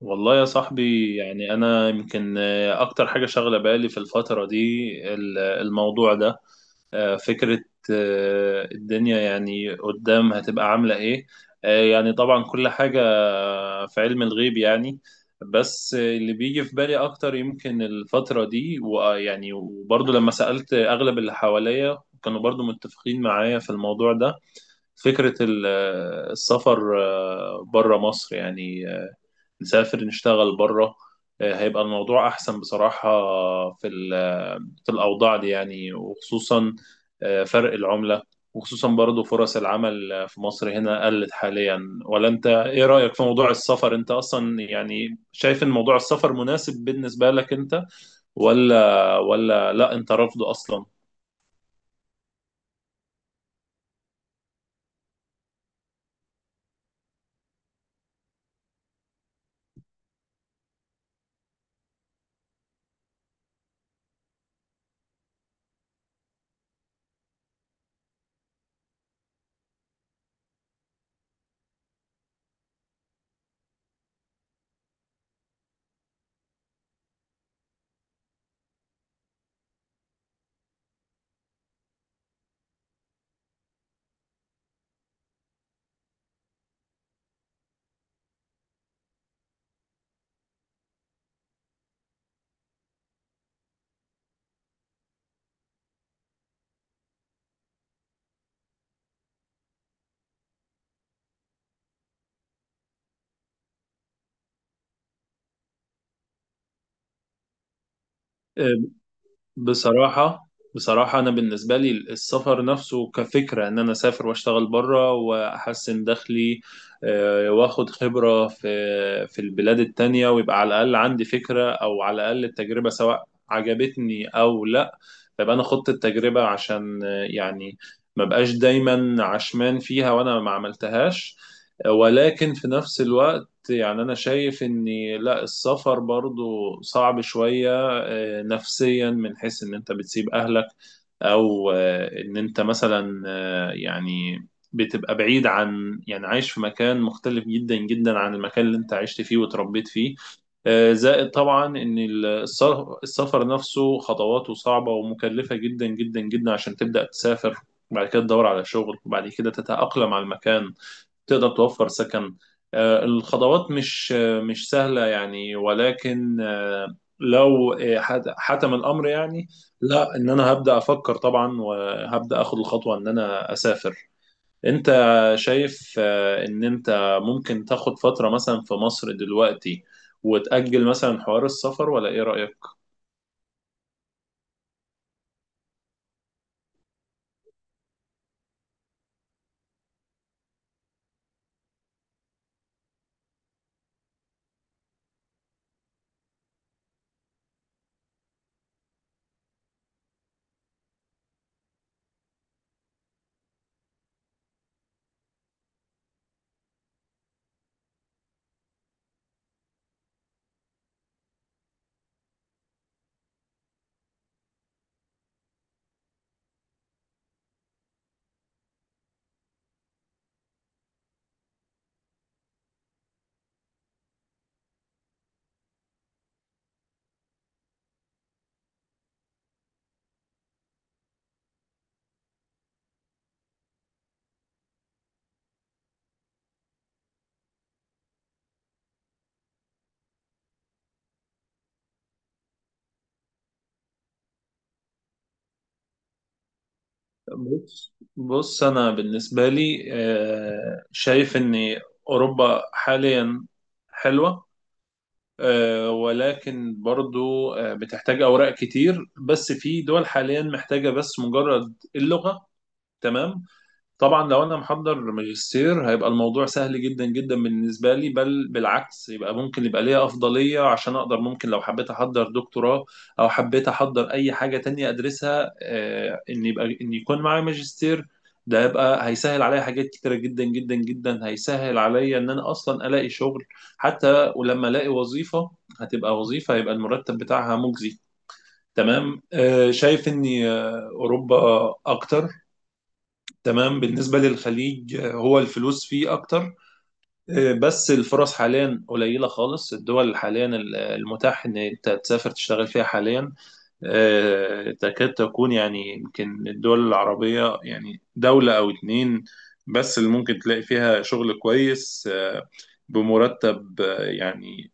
والله يا صاحبي، يعني أنا يمكن أكتر حاجة شاغلة بالي في الفترة دي الموضوع ده. فكرة. الدنيا يعني قدام هتبقى عاملة إيه؟ يعني طبعا كل حاجة في علم الغيب يعني. بس اللي بيجي في بالي أكتر يمكن الفترة دي، ويعني وبرضه لما سألت أغلب اللي حواليا كانوا برضه متفقين معايا في الموضوع ده. فكرة السفر بره مصر يعني، نسافر نشتغل بره. هيبقى الموضوع أحسن بصراحة في ال- في الأوضاع دي يعني، وخصوصا فرق العملة، وخصوصا برضو فرص العمل، في مصر هنا قلت حاليا. ولا أنت إيه رأيك في موضوع السفر؟ أنت أصلا يعني شايف إن موضوع السفر مناسب بالنسبة لك أنت؟ ولا ولا لا أنت رافضه أصلا؟ بصراحة بصراحة، أنا بالنسبة لي السفر نفسه كفكرة، إن أنا أسافر وأشتغل بره وأحسن دخلي وآخد خبرة في البلاد التانية، ويبقى على الأقل عندي فكرة أو على الأقل التجربة، سواء عجبتني أو لأ. فيبقى أنا خدت التجربة، عشان يعني ما بقاش دايما عشمان فيها وأنا ما عملتهاش. ولكن في نفس الوقت يعني أنا شايف إن لأ، السفر برضو صعب شوية نفسيا، من حيث ان انت بتسيب اهلك، او ان انت مثلا يعني بتبقى بعيد عن، يعني عايش في مكان مختلف جدا جدا عن المكان اللي انت عشت فيه وتربيت فيه. زائد طبعا ان السفر نفسه خطواته صعبة ومكلفة جدا جدا جدا عشان تبدأ تسافر، وبعد كده تدور على شغل، وبعد كده تتأقلم على المكان، تقدر توفر سكن. الخضروات مش سهلة يعني، ولكن لو حتم الأمر يعني، لا، إن أنا هبدأ أفكر طبعا وهبدأ أخد الخطوة إن أنا أسافر. أنت شايف إن أنت ممكن تاخد فترة مثلا في مصر دلوقتي وتأجل مثلا حوار السفر، ولا إيه رأيك؟ بص بص، أنا بالنسبة لي شايف إن أوروبا حاليا حلوة، ولكن برضو بتحتاج أوراق كتير. بس في دول حاليا محتاجة بس مجرد اللغة. تمام. طبعا لو انا محضر ماجستير، هيبقى الموضوع سهل جدا جدا بالنسبه لي، بل بالعكس، يبقى ممكن يبقى ليا افضليه، عشان اقدر ممكن لو حبيت احضر دكتوراه او حبيت احضر اي حاجه تانية ادرسها، ان يبقى ان يكون معايا ماجستير. ده يبقى هيسهل عليا حاجات كتيره جدا جدا جدا، هيسهل عليا ان انا اصلا الاقي شغل. حتى ولما الاقي وظيفه، هتبقى وظيفه هيبقى المرتب بتاعها مجزي. تمام. شايف ان اوروبا اكتر. تمام. بالنسبة للخليج، هو الفلوس فيه أكتر، بس الفرص حاليا قليلة خالص. الدول حاليا المتاح إن أنت تسافر تشتغل فيها حاليا، تكاد تكون يعني يمكن الدول العربية يعني دولة أو اتنين بس اللي ممكن تلاقي فيها شغل كويس، بمرتب يعني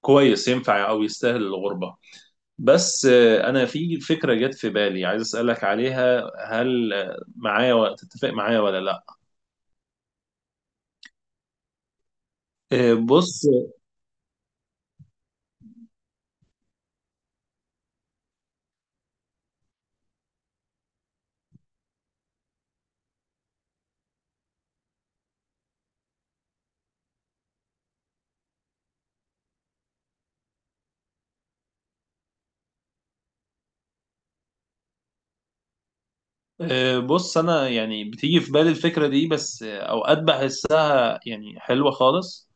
كويس، ينفع أو يستاهل الغربة. بس أنا في فكرة جت في بالي عايز أسألك عليها، هل معايا تتفق معايا ولا لأ؟ بص. بص، انا يعني بتيجي في بالي الفكره دي، بس اوقات بحسها يعني حلوه خالص،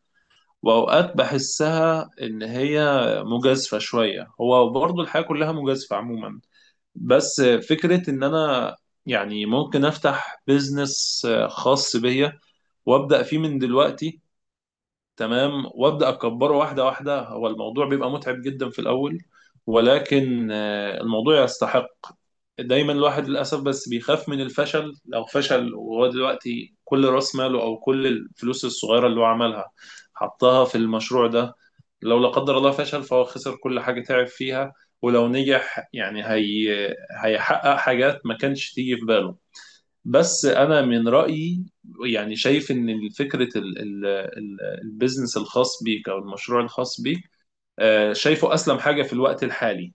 واوقات بحسها ان هي مجازفه شويه. هو برضو الحياه كلها مجازفه عموما، بس فكره ان انا يعني ممكن افتح بيزنس خاص بيا وابدا فيه من دلوقتي. تمام، وابدا اكبره واحده واحده. هو الموضوع بيبقى متعب جدا في الاول، ولكن الموضوع يستحق. دايما الواحد للاسف بس بيخاف من الفشل. لو فشل، وهو دلوقتي كل راس ماله او كل الفلوس الصغيره اللي هو عملها حطها في المشروع ده، لو لا قدر الله فشل، فهو خسر كل حاجه تعب فيها. ولو نجح يعني، هي هيحقق حاجات ما كانش تيجي في باله. بس انا من رايي يعني، شايف ان فكره البيزنس الخاص بيك او المشروع الخاص بيك، شايفه اسلم حاجه في الوقت الحالي.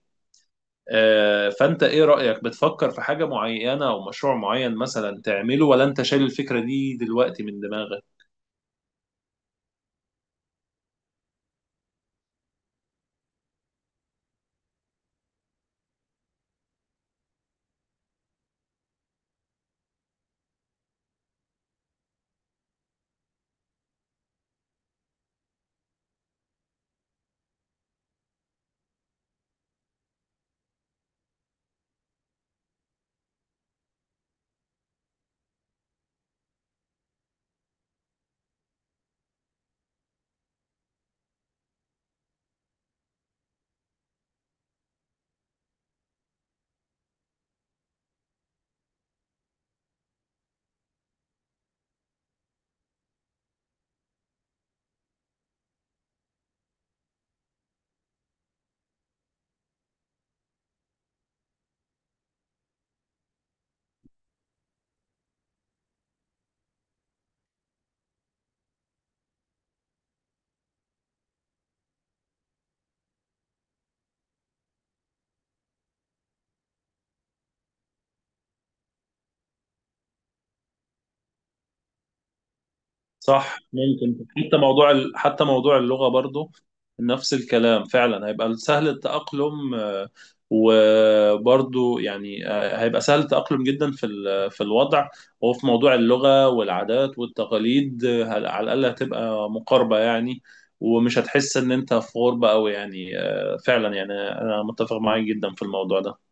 فانت ايه رأيك؟ بتفكر في حاجة معينة او مشروع معين مثلا تعمله، ولا انت شايل الفكرة دي دلوقتي من دماغك؟ صح. ممكن حتى موضوع حتى موضوع اللغة برضو نفس الكلام، فعلا هيبقى سهل التأقلم. وبرضو يعني هيبقى سهل التأقلم جدا في الوضع. وفي موضوع اللغة والعادات والتقاليد، على الأقل هتبقى مقاربة يعني، ومش هتحس إن أنت في غربة أوي يعني. فعلا يعني أنا متفق معاك جدا في الموضوع ده.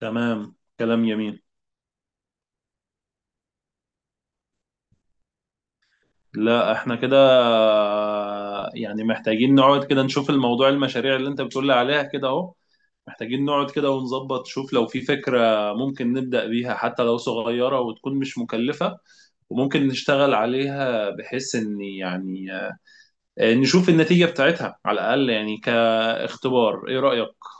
تمام، كلام جميل. لا، احنا كده يعني محتاجين نقعد كده نشوف الموضوع، المشاريع اللي انت بتقول لي عليها كده اهو. محتاجين نقعد كده ونظبط، شوف لو في فكرة ممكن نبدأ بيها حتى لو صغيرة وتكون مش مكلفة، وممكن نشتغل عليها، بحيث ان يعني نشوف النتيجة بتاعتها على الأقل يعني كاختبار. ايه رأيك؟